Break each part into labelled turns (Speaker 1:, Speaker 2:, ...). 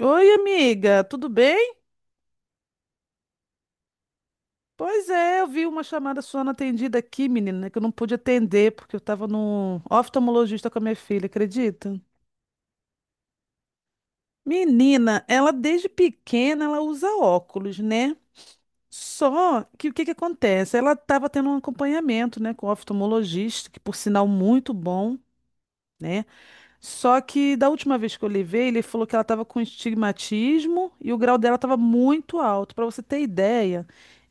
Speaker 1: Oi, amiga, tudo bem? Pois é, eu vi uma chamada sua não atendida aqui, menina, que eu não pude atender porque eu estava no oftalmologista com a minha filha, acredita? Menina, ela desde pequena ela usa óculos, né? Só que o que que acontece? Ela estava tendo um acompanhamento, né, com o oftalmologista, que por sinal muito bom, né? Só que da última vez que eu levei, ele falou que ela estava com estigmatismo e o grau dela estava muito alto. Para você ter ideia,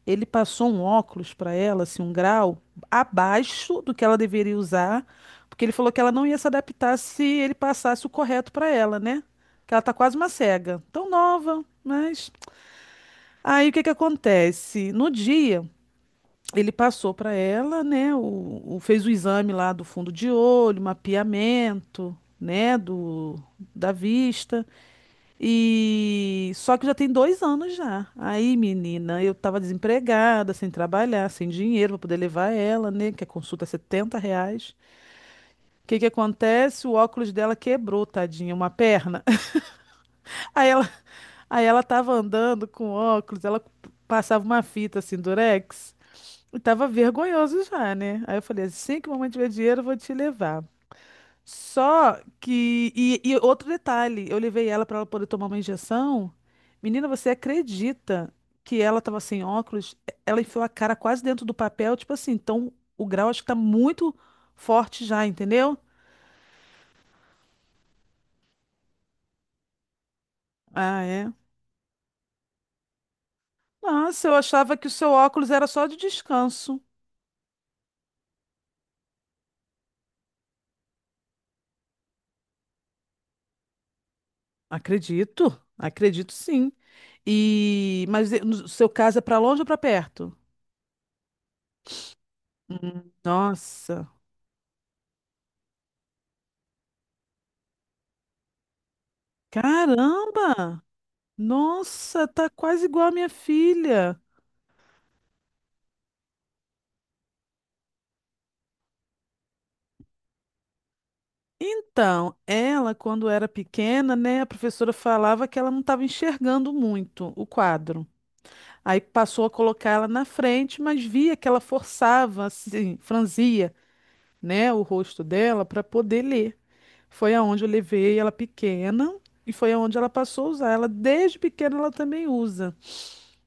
Speaker 1: ele passou um óculos para ela, assim, um grau abaixo do que ela deveria usar, porque ele falou que ela não ia se adaptar se ele passasse o correto para ela, né? Que ela tá quase uma cega, tão nova, mas aí o que que acontece? No dia ele passou para ela, né, fez o exame lá do fundo de olho, mapeamento, né, do, da vista, e só que já tem 2 anos já. Aí, menina, eu tava desempregada, sem trabalhar, sem dinheiro para poder levar ela, né, que a consulta é R$ 70. O que que acontece? O óculos dela quebrou, tadinha, uma perna. Aí ela, aí ela tava andando com óculos, ela passava uma fita assim, durex, eu tava vergonhoso já, né? Aí eu falei, assim que mamãe tiver dinheiro, eu vou te levar. Só que. E outro detalhe, eu levei ela pra ela poder tomar uma injeção. Menina, você acredita que ela tava sem óculos? Ela enfiou a cara quase dentro do papel, tipo assim, então o grau acho que tá muito forte já, entendeu? Ah, é. Nossa, eu achava que o seu óculos era só de descanso. Acredito, acredito sim. No seu caso é pra longe ou pra perto? Nossa, caramba! Nossa, tá quase igual a minha filha. Então, ela, quando era pequena, né, a professora falava que ela não estava enxergando muito o quadro. Aí passou a colocar ela na frente, mas via que ela forçava, assim, franzia, né, o rosto dela para poder ler. Foi aonde eu levei ela pequena e foi aonde ela passou a usar. Ela desde pequena ela também usa.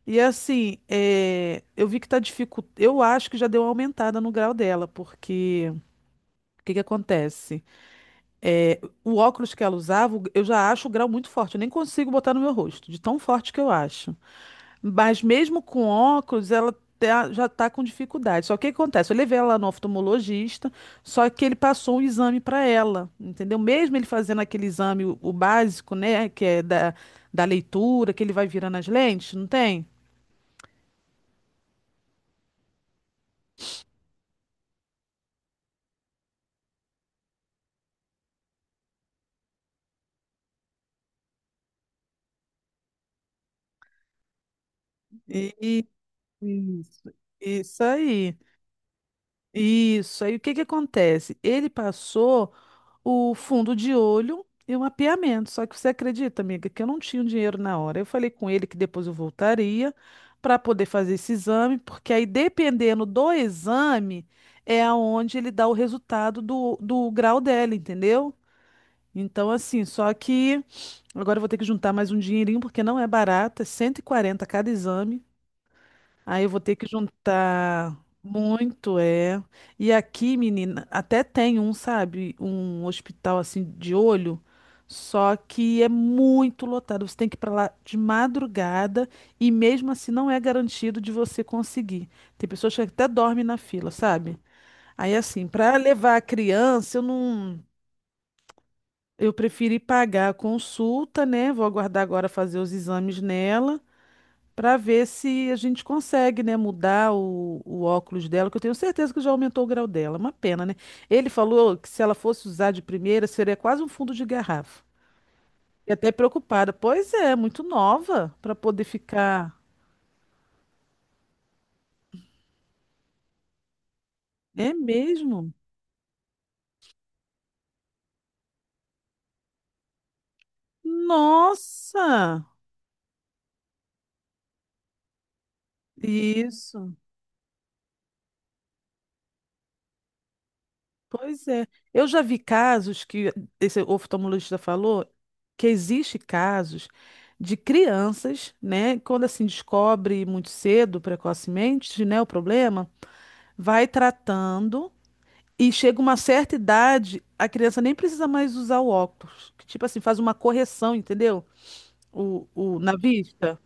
Speaker 1: E assim, é, eu vi que tá dificultando. Eu acho que já deu uma aumentada no grau dela, porque o que que acontece? O óculos que ela usava, eu já acho o grau muito forte. Eu nem consigo botar no meu rosto, de tão forte que eu acho. Mas mesmo com óculos, ela já tá com dificuldade. Só que o que acontece? Eu levei ela no oftalmologista, só que ele passou um exame para ela, entendeu? Mesmo ele fazendo aquele exame, o básico, né, que é da, da leitura, que ele vai virando as lentes, não tem? Isso, isso aí. Isso aí. O que que acontece? Ele passou o fundo de olho e o mapeamento. Só que você acredita, amiga, que eu não tinha o dinheiro na hora. Eu falei com ele que depois eu voltaria para poder fazer esse exame, porque aí dependendo do exame é aonde ele dá o resultado do, do grau dela, entendeu? Então, assim, só que agora eu vou ter que juntar mais um dinheirinho, porque não é barato, é 140 cada exame. Aí eu vou ter que juntar muito, é. E aqui, menina, até tem um, sabe, um hospital assim de olho, só que é muito lotado. Você tem que ir pra lá de madrugada e mesmo assim não é garantido de você conseguir. Tem pessoas que até dormem na fila, sabe? Aí assim, para levar a criança, eu não, eu preferi pagar a consulta, né? Vou aguardar agora fazer os exames nela para ver se a gente consegue, né, mudar o óculos dela, que eu tenho certeza que já aumentou o grau dela. Uma pena, né? Ele falou que se ela fosse usar de primeira, seria quase um fundo de garrafa. E até preocupada. Pois é, muito nova para poder ficar. É mesmo? Nossa! Isso. Pois é. Eu já vi casos que esse oftalmologista falou que existe casos de crianças, né, quando assim descobre muito cedo, precocemente, né, o problema, vai tratando e chega uma certa idade, a criança nem precisa mais usar o óculos, que tipo assim faz uma correção, entendeu? O na vista.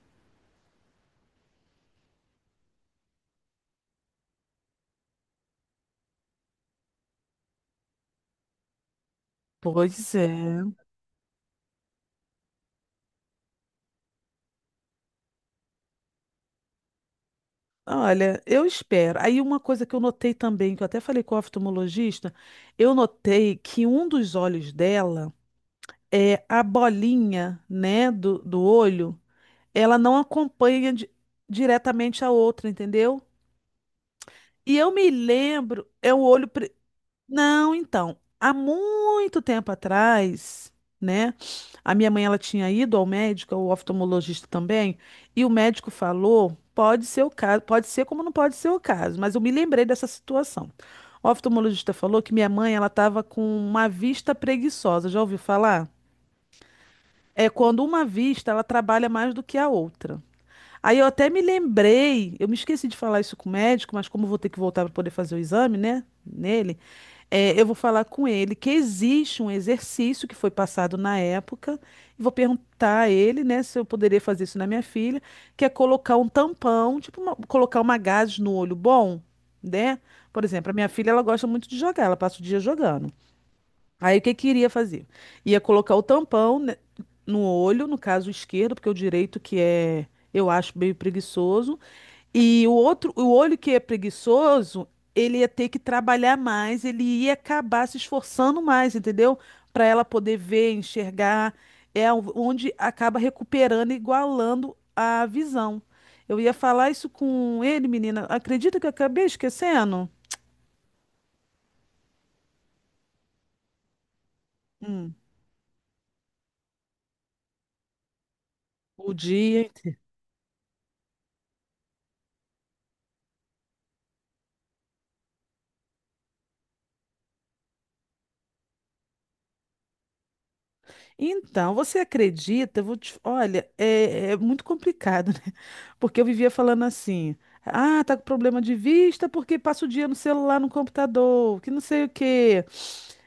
Speaker 1: Pois é. Olha, eu espero. Aí uma coisa que eu notei também, que eu até falei com o oftalmologista, eu notei que um dos olhos dela é a bolinha, né, do, do olho, ela não acompanha diretamente a outra, entendeu? E eu me lembro, é o olho, não, então, há muito tempo atrás, né? A minha mãe ela tinha ido ao médico, ao oftalmologista também, e o médico falou, pode ser o caso, pode ser como não pode ser o caso, mas eu me lembrei dessa situação. O oftalmologista falou que minha mãe ela estava com uma vista preguiçosa. Já ouviu falar? É quando uma vista ela trabalha mais do que a outra. Aí eu até me lembrei, eu me esqueci de falar isso com o médico, mas como eu vou ter que voltar para poder fazer o exame, né? Nele, é, eu vou falar com ele que existe um exercício que foi passado na época, e vou perguntar a ele, né, se eu poderia fazer isso na minha filha, que é colocar um tampão, tipo, colocar uma gaze no olho bom, né? Por exemplo, a minha filha, ela gosta muito de jogar, ela passa o dia jogando. Aí o que que iria fazer? Ia colocar o tampão, né, no olho, no caso o esquerdo, porque o direito que é, eu acho meio preguiçoso, e o outro, o olho que é preguiçoso, ele ia ter que trabalhar mais, ele ia acabar se esforçando mais, entendeu? Para ela poder ver, enxergar, onde acaba recuperando, e igualando a visão. Eu ia falar isso com ele, menina. Acredita que eu acabei esquecendo? Hum. O dia. Então, você acredita? Eu vou te... Olha, é muito complicado, né? Porque eu vivia falando assim: ah, tá com problema de vista porque passa o dia no celular, no computador, que não sei o quê.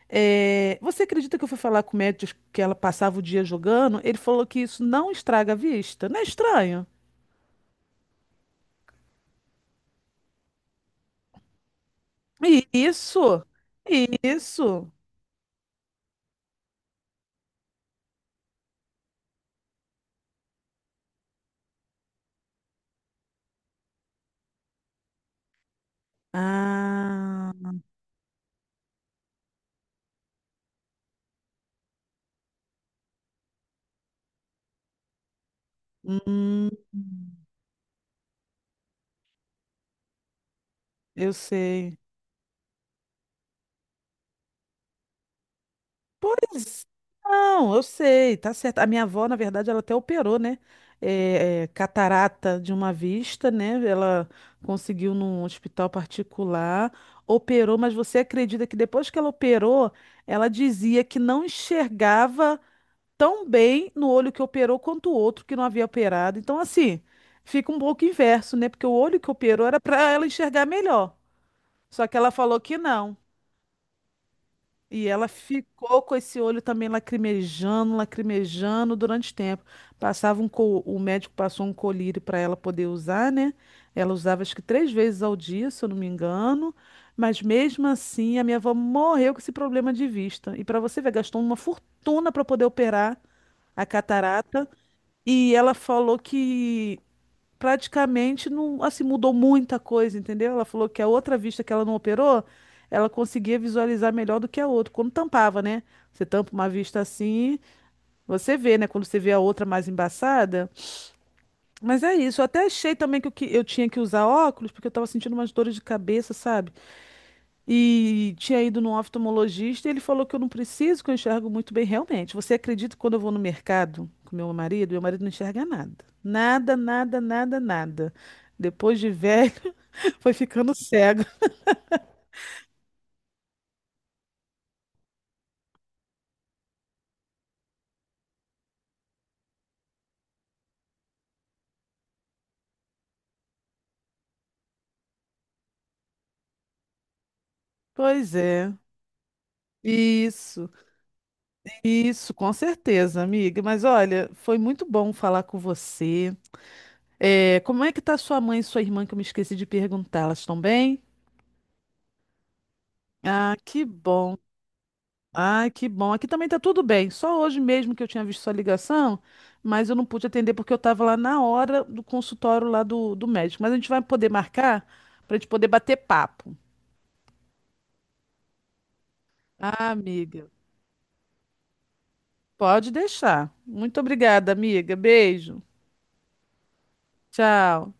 Speaker 1: É, você acredita que eu fui falar com o médico que ela passava o dia jogando? Ele falou que isso não estraga a vista. Não é estranho? Isso! Isso! Ah, hum, eu sei. Pois não, eu sei, tá certo. A minha avó, na verdade, ela até operou, né? Catarata de uma vista, né? Ela conseguiu num hospital particular, operou, mas você acredita que depois que ela operou, ela dizia que não enxergava tão bem no olho que operou quanto o outro que não havia operado. Então, assim, fica um pouco inverso, né? Porque o olho que operou era para ela enxergar melhor. Só que ela falou que não. E ela ficou com esse olho também lacrimejando, lacrimejando durante tempo. Passava um o médico passou um colírio para ela poder usar, né? Ela usava acho que 3 vezes ao dia, se eu não me engano. Mas mesmo assim, a minha avó morreu com esse problema de vista. E para você ver, gastou uma fortuna para poder operar a catarata. E ela falou que praticamente não, assim, mudou muita coisa, entendeu? Ela falou que a outra vista que ela não operou, ela conseguia visualizar melhor do que a outra, quando tampava, né? Você tampa uma vista assim, você vê, né? Quando você vê a outra mais embaçada. Mas é isso, eu até achei também que eu tinha que usar óculos, porque eu tava sentindo umas dores de cabeça, sabe? E tinha ido num oftalmologista e ele falou que eu não preciso, que eu enxergo muito bem. Realmente, você acredita que quando eu vou no mercado com meu marido não enxerga nada. Nada, nada, nada, nada. Depois de velho, foi ficando cego. Pois é. Isso, isso, com certeza, amiga. Mas olha, foi muito bom falar com você. É, como é que tá sua mãe e sua irmã, que eu me esqueci de perguntar? Elas estão bem? Ah, que bom. Ai, que bom. Aqui também tá tudo bem. Só hoje mesmo que eu tinha visto sua ligação, mas eu não pude atender porque eu estava lá na hora do consultório lá do, do médico. Mas a gente vai poder marcar para a gente poder bater papo. Ah, amiga, pode deixar. Muito obrigada, amiga. Beijo. Tchau.